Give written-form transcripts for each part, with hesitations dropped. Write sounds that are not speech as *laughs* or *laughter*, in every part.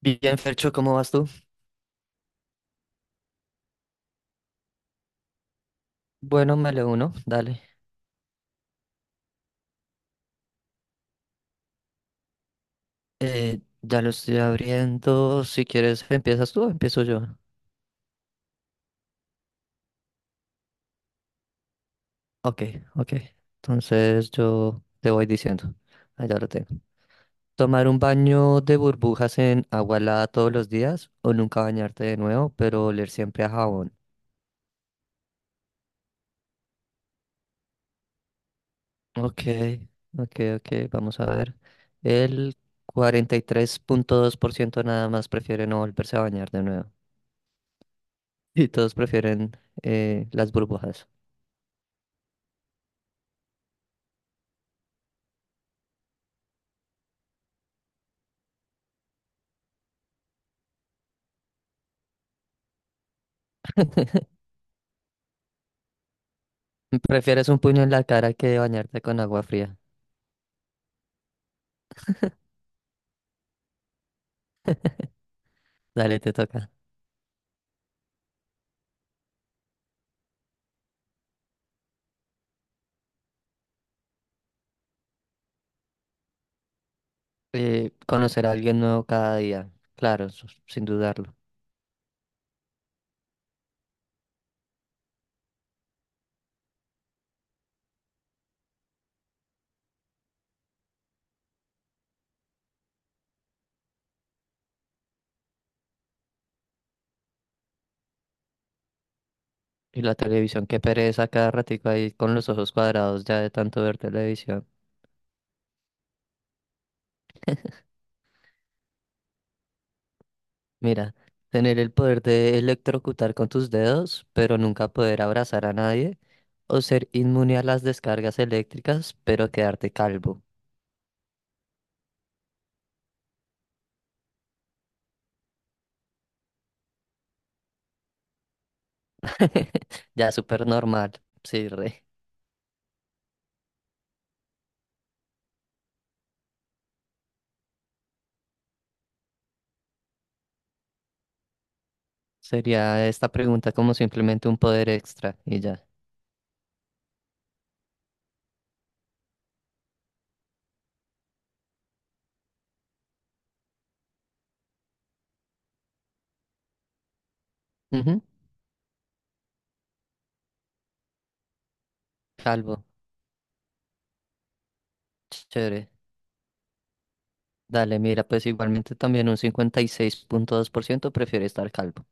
Bien, Fercho, ¿cómo vas tú? Bueno, me le uno, dale. Ya lo estoy abriendo. Si quieres, ¿empiezas tú o empiezo yo? Ok, ok. Entonces yo te voy diciendo. Allá lo tengo. ¿Tomar un baño de burbujas en agua helada todos los días o nunca bañarte de nuevo, pero oler siempre a jabón? Ok, ok, ok. Vamos a ver. El 43.2% nada más prefiere no volverse a bañar de nuevo. Y todos prefieren las burbujas. *laughs* Prefieres un puño en la cara que bañarte con agua fría. Dale, te toca. Conocer a alguien nuevo cada día. Claro, sin dudarlo. Y la televisión, qué pereza cada ratico ahí con los ojos cuadrados ya de tanto ver televisión. Mira, tener el poder de electrocutar con tus dedos, pero nunca poder abrazar a nadie. O ser inmune a las descargas eléctricas, pero quedarte calvo. *laughs* Ya súper normal. Sí, re. Sería esta pregunta como simplemente un poder extra y ya. Ujú. Calvo, chévere. Dale, mira, pues igualmente también un 56.2% prefiere estar calvo.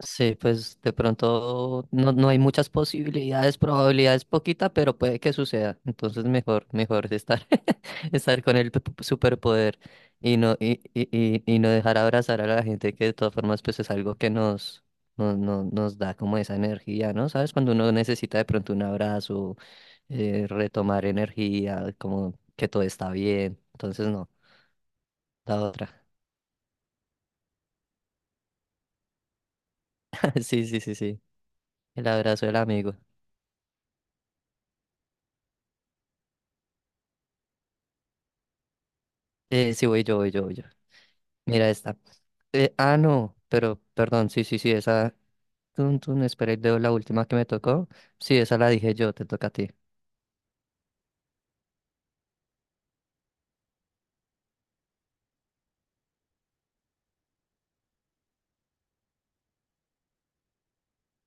Sí, pues de pronto no, no hay muchas posibilidades, probabilidades poquita, pero puede que suceda. Entonces mejor estar, *laughs* estar con el superpoder y no dejar abrazar a la gente que de todas formas pues es algo que nos da como esa energía, ¿no? ¿Sabes? Cuando uno necesita de pronto un abrazo retomar energía, como que todo está bien. Entonces, no, la otra. *laughs* Sí, sí, sí, sí. El abrazo del amigo. Sí, voy yo, voy yo, voy yo. Mira esta. Ah, no, pero perdón, sí, sí, sí, esa. Tun, tun, espera, y leo la última que me tocó. Sí, esa la dije yo, te toca a ti.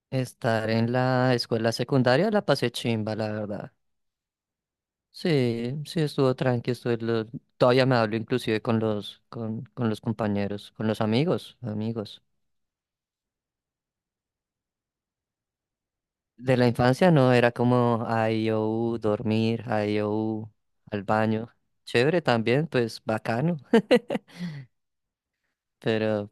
Estar en la escuela secundaria la pasé chimba, la verdad. Sí, sí, estuvo tranqui, todavía me hablo inclusive con los compañeros, con los amigos, amigos. De la infancia no, era como IOU, dormir, IOU, al baño. Chévere también, pues bacano, pero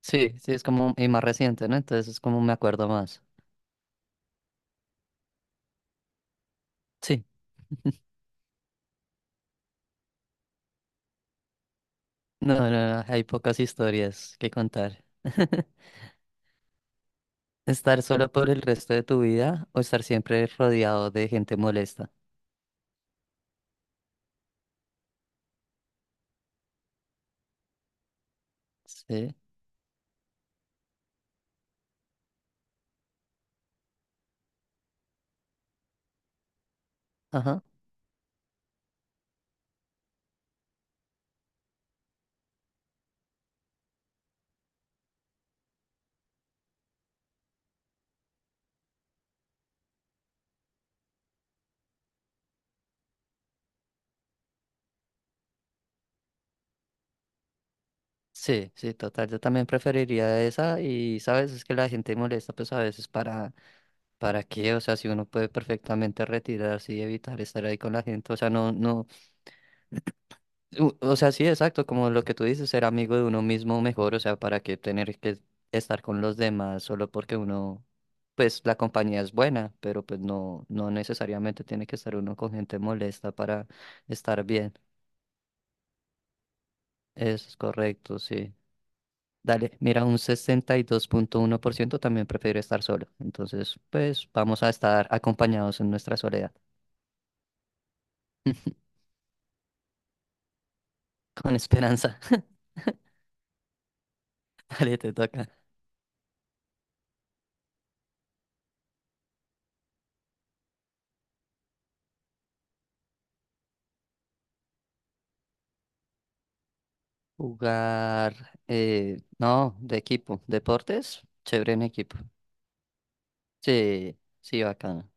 sí, sí, es como y más reciente, ¿no? Entonces es como me acuerdo más. Sí, no, no, no, hay pocas historias que contar. *laughs* Estar solo por el resto de tu vida o estar siempre rodeado de gente molesta. Sí, ajá. Sí, sí, total. Yo también preferiría esa y, ¿sabes? Es que la gente molesta, pues a veces ¿Para qué? O sea, si uno puede perfectamente retirarse y evitar estar ahí con la gente, o sea, no, no, o sea, sí, exacto, como lo que tú dices, ser amigo de uno mismo mejor, o sea, ¿para qué tener que estar con los demás solo porque uno, pues la compañía es buena, pero pues no, no necesariamente tiene que estar uno con gente molesta para estar bien. Eso es correcto, sí. Dale, mira, un 62.1% también prefiere estar solo, entonces, pues vamos a estar acompañados en nuestra soledad. *laughs* Con esperanza. Dale, te toca jugar. No, de equipo. Deportes, chévere en equipo. Sí, sí, bacano.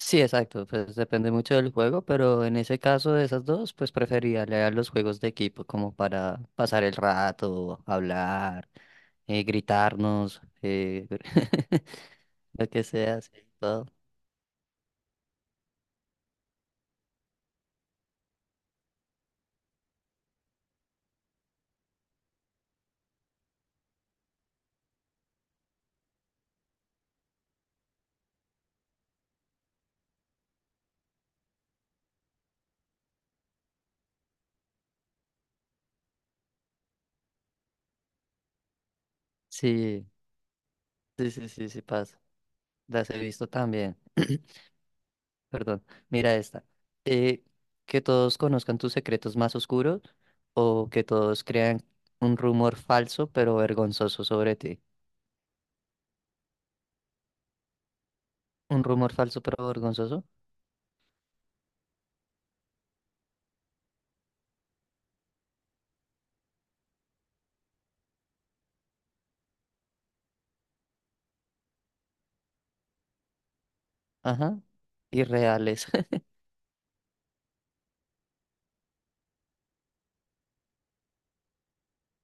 Sí, exacto. Pues depende mucho del juego, pero en ese caso de esas dos, pues preferiría leer los juegos de equipo, como para pasar el rato, hablar, gritarnos, *laughs* lo que sea, sí, todo. Sí, sí, sí, sí, sí pasa. Las he visto también. *clears throat* Perdón, mira esta. Eh, que todos conozcan tus secretos más oscuros o que todos crean un rumor falso pero vergonzoso sobre ti. Un rumor falso pero vergonzoso. Ajá. Irreales. *laughs*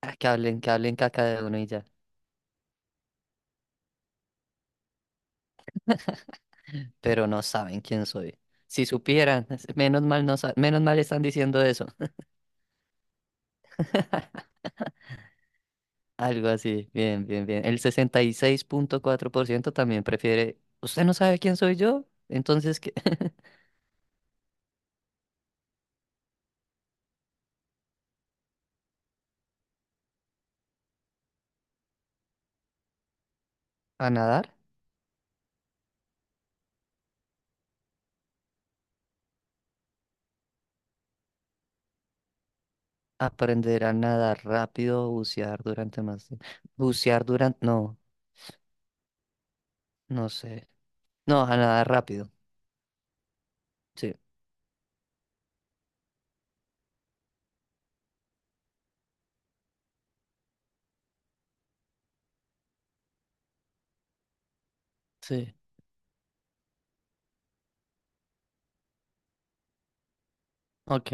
Ah, que hablen, que hablen caca de uno y ya. Pero no saben quién soy. Si supieran, *laughs* menos mal no sa- menos mal están diciendo eso. *laughs* Algo así. Bien, bien, bien. El 66.4% también prefiere. ¿Usted no sabe quién soy yo? Entonces, ¿qué? *laughs* ¿A nadar? Aprender a nadar rápido, bucear durante más tiempo. Bucear durante. No, no sé. No, a nadar rápido. Sí, sí, ok.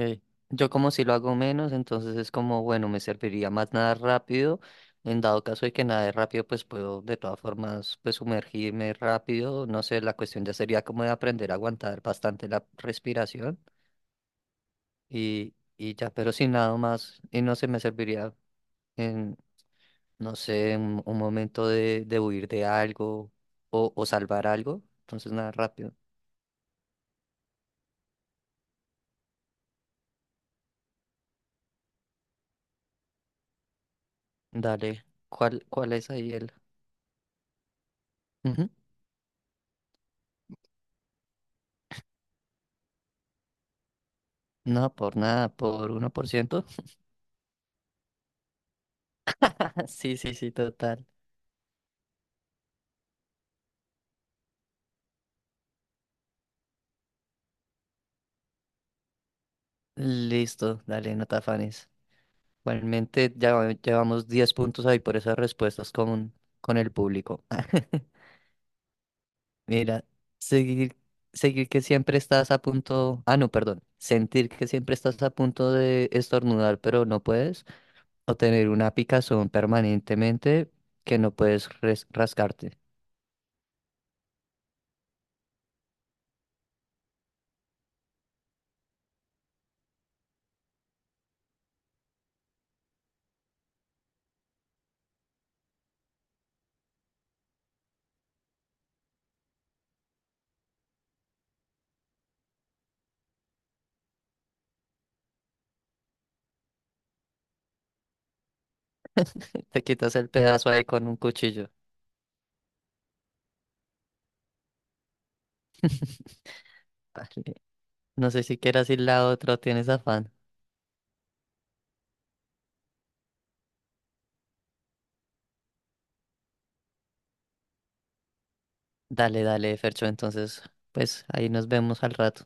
Yo como si lo hago menos, entonces es como, bueno, me serviría más nadar rápido. En dado caso de que nade rápido, pues puedo de todas formas pues sumergirme rápido. No sé, la cuestión ya sería como de aprender a aguantar bastante la respiración y ya, pero si nado más y no se me serviría no sé, un momento de huir de algo o salvar algo. Entonces, nada, rápido. Dale, ¿cuál es ahí el? Ujú. No, por nada, por 1%. *laughs* Sí, sí, sí, total. Listo, dale, no te afanes. Igualmente, ya llevamos 10 puntos ahí por esas respuestas con, el público. *laughs* Mira, seguir, seguir que siempre estás a punto. Ah, no, perdón. Sentir que siempre estás a punto de estornudar, pero no puedes. O tener una picazón permanentemente que no puedes rascarte. Te quitas el pedazo ahí con un cuchillo. Dale. No sé si quieras ir la otra o tienes afán. Dale, dale, Fercho. Entonces, pues ahí nos vemos al rato.